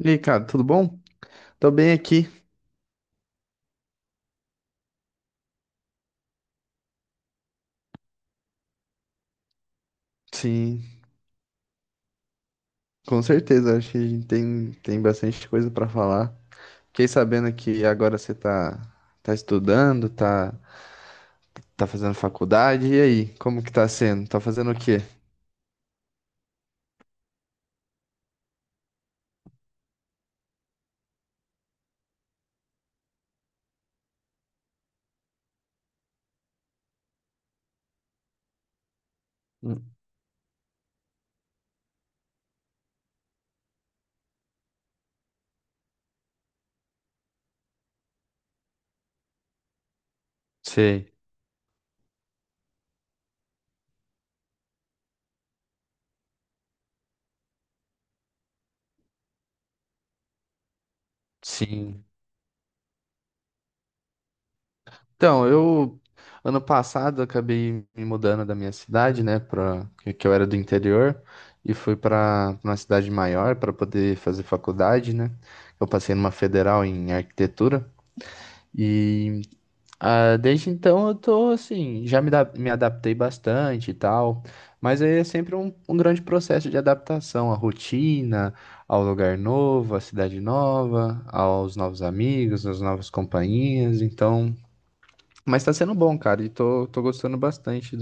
E aí, cara, tudo bom? Tô bem aqui. Sim, com certeza. Acho que a gente tem bastante coisa pra falar. Fiquei sabendo que agora você tá estudando, tá fazendo faculdade. E aí, como que tá sendo? Tá fazendo o quê? Hum, Sei, sim. Então, eu, ano passado, eu acabei me mudando da minha cidade, né, para que eu era do interior, e fui para uma cidade maior para poder fazer faculdade, né? Eu passei numa federal em arquitetura. E Desde então eu tô assim, me adaptei bastante e tal, mas aí é sempre um grande processo de adaptação à rotina, ao lugar novo, à cidade nova, aos novos amigos, às novas companhias, então. Mas tá sendo bom, cara, e tô gostando bastante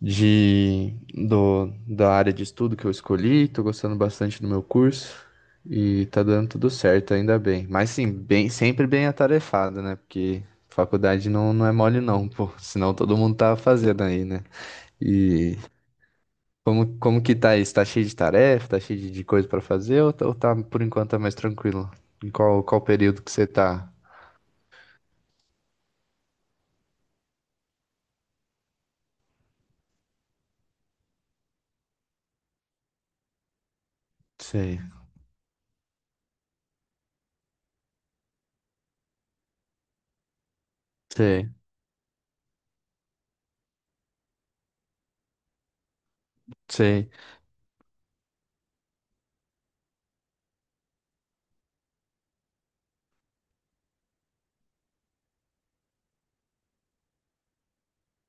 de da área de estudo que eu escolhi, tô gostando bastante do meu curso e tá dando tudo certo, ainda bem. Mas sim, bem, sempre bem atarefado, né? Porque faculdade não é mole não, pô, senão todo mundo tá fazendo aí, né? E como que tá isso? Tá cheio de tarefa, tá cheio de coisa pra fazer ou tá, por enquanto, tá mais tranquilo? Em qual período que você tá? Sei, sei, sei.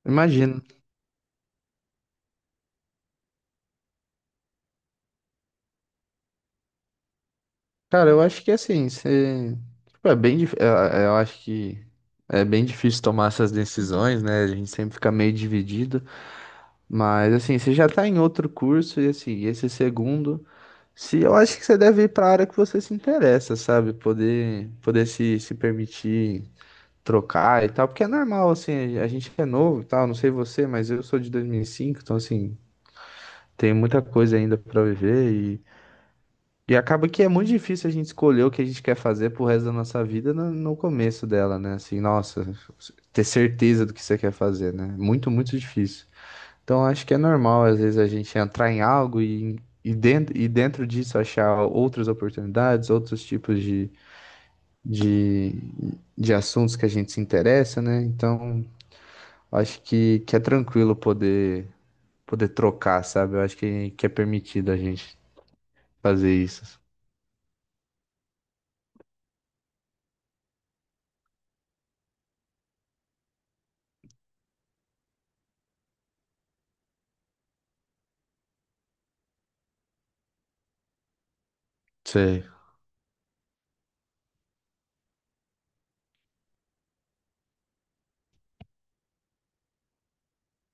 Imagino. Cara, eu acho que assim, você... tipo, é bem dif... eu acho que é bem difícil tomar essas decisões, né? A gente sempre fica meio dividido, mas assim, você já tá em outro curso e assim, esse segundo, se eu acho que você deve ir para a área que você se interessa, sabe? Poder se permitir trocar e tal, porque é normal assim, a gente é novo e tal, não sei você, mas eu sou de 2005, então assim, tem muita coisa ainda para viver e acaba que é muito difícil a gente escolher o que a gente quer fazer pro resto da nossa vida no começo dela, né? Assim, nossa, ter certeza do que você quer fazer, né? Muito, muito difícil. Então acho que é normal, às vezes, a gente entrar em algo e dentro disso achar outras oportunidades, outros tipos de, de assuntos que a gente se interessa, né? Então acho que é tranquilo poder trocar, sabe? Eu acho que é permitido a gente fazer isso. Sei.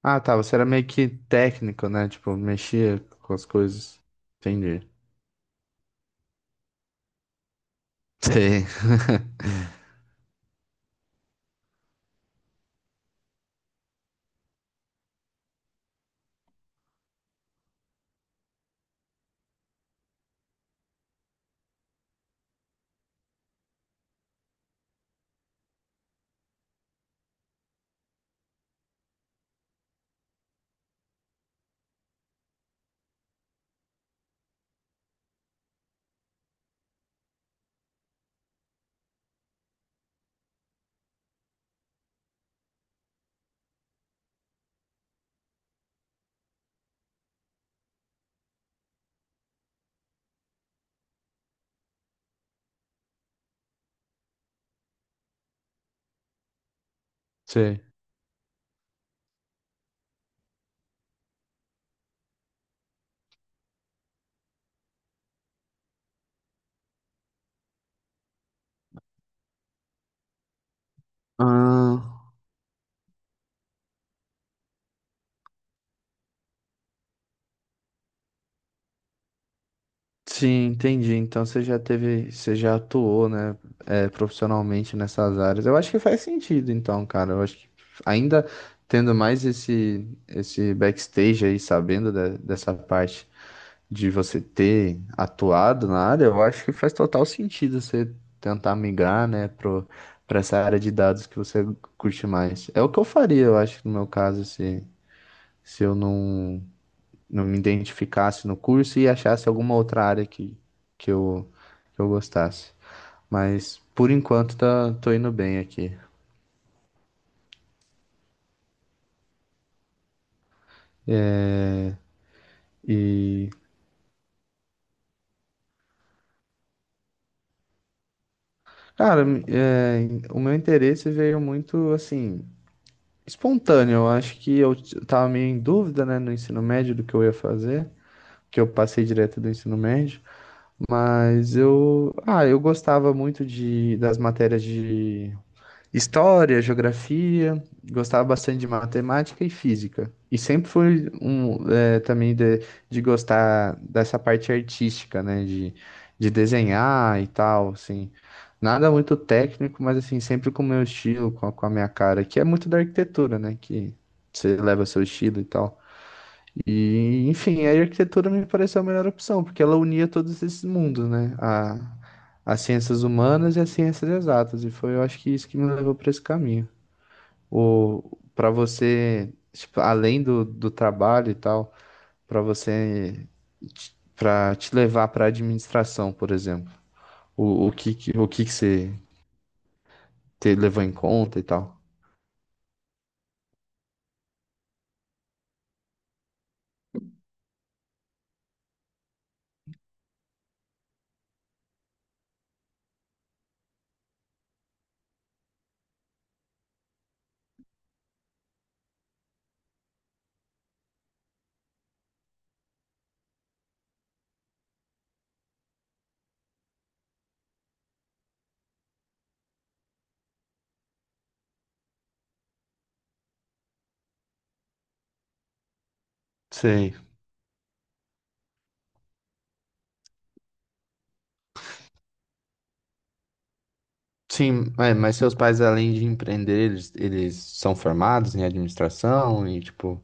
Ah, tá. Você era meio que técnico, né? Tipo, mexia com as coisas. Entendi. Sim. Sei. Ah, sim, entendi. Então você já teve, você já atuou, né, é, profissionalmente nessas áreas. Eu acho que faz sentido, então, cara. Eu acho que ainda tendo mais esse backstage aí, sabendo dessa parte de você ter atuado na área, eu acho que faz total sentido você tentar migrar, né, pra essa área de dados que você curte mais. É o que eu faria, eu acho, no meu caso, se eu não me identificasse no curso e achasse alguma outra área que eu, que eu gostasse. Mas, por enquanto, tá, tô indo bem aqui. E, cara, é, o meu interesse veio muito, assim, espontâneo. Eu acho que tava meio em dúvida, né, no ensino médio do que eu ia fazer, que eu passei direto do ensino médio, mas eu gostava muito de das matérias de história, geografia, gostava bastante de matemática e física. E sempre fui um, também de gostar dessa parte artística, né? De desenhar e tal, assim. Nada muito técnico, mas assim, sempre com o meu estilo, com a minha cara, que é muito da arquitetura, né? Que você leva seu estilo e tal. E, enfim, a arquitetura me pareceu a melhor opção, porque ela unia todos esses mundos, né? A, as ciências humanas e as ciências exatas. E foi, eu acho que isso que me levou para esse caminho. O, para você, tipo, além do trabalho e tal, para você, para te levar para administração, por exemplo. O que que você te levou em conta e tal? Sei. Sim, é, mas seus pais, além de empreender, eles são formados em administração e, tipo.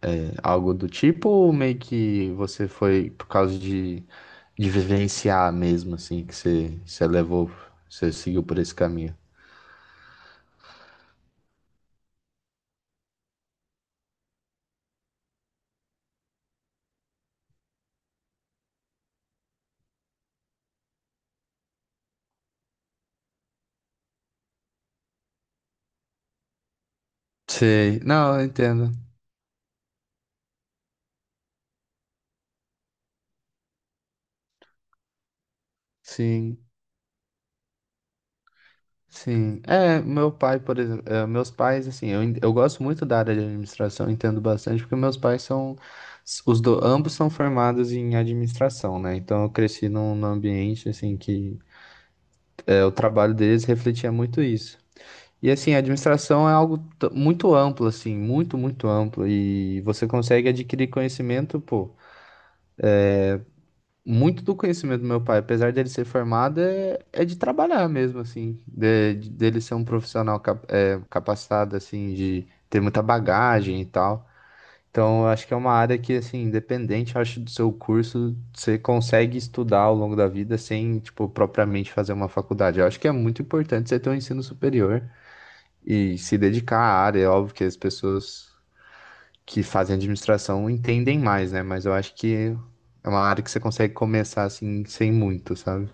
É, algo do tipo, ou meio que você foi por causa de vivenciar mesmo, assim, você levou, você seguiu por esse caminho? Sei, não, eu entendo. Sim, sim. É, meu pai, por exemplo, é, meus pais, assim, eu gosto muito da área de administração, entendo bastante, porque meus pais são, ambos são formados em administração, né? Então eu cresci num ambiente, assim, que é, o trabalho deles refletia muito isso. E assim, a administração é algo muito amplo, assim, muito, muito amplo. E você consegue adquirir conhecimento, pô. Muito do conhecimento do meu pai, apesar dele ser formado, é de trabalhar mesmo, assim. Dele ser um profissional capacitado, assim, de ter muita bagagem e tal. Então, eu acho que é uma área que, assim, independente, eu acho, do seu curso, você consegue estudar ao longo da vida sem, tipo, propriamente fazer uma faculdade. Eu acho que é muito importante você ter um ensino superior e se dedicar à área. É óbvio que as pessoas que fazem administração entendem mais, né? Mas eu acho que é uma área que você consegue começar assim sem muito, sabe?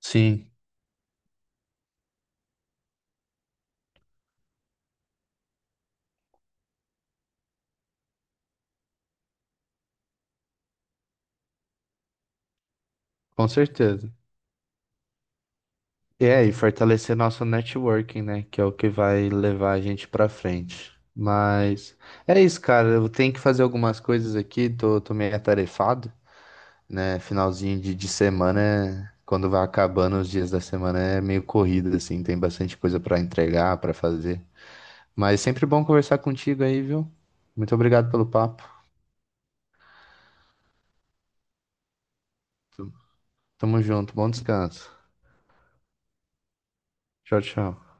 Sim, com certeza. E é, e fortalecer nosso networking, né? Que é o que vai levar a gente pra frente. Mas é isso, cara. Eu tenho que fazer algumas coisas aqui, tô meio atarefado, né? Finalzinho de semana, quando vai acabando os dias da semana, é meio corrido, assim, tem bastante coisa pra entregar, pra fazer. Mas é sempre bom conversar contigo aí, viu? Muito obrigado pelo papo. Tamo junto, bom descanso. Tchau, tchau.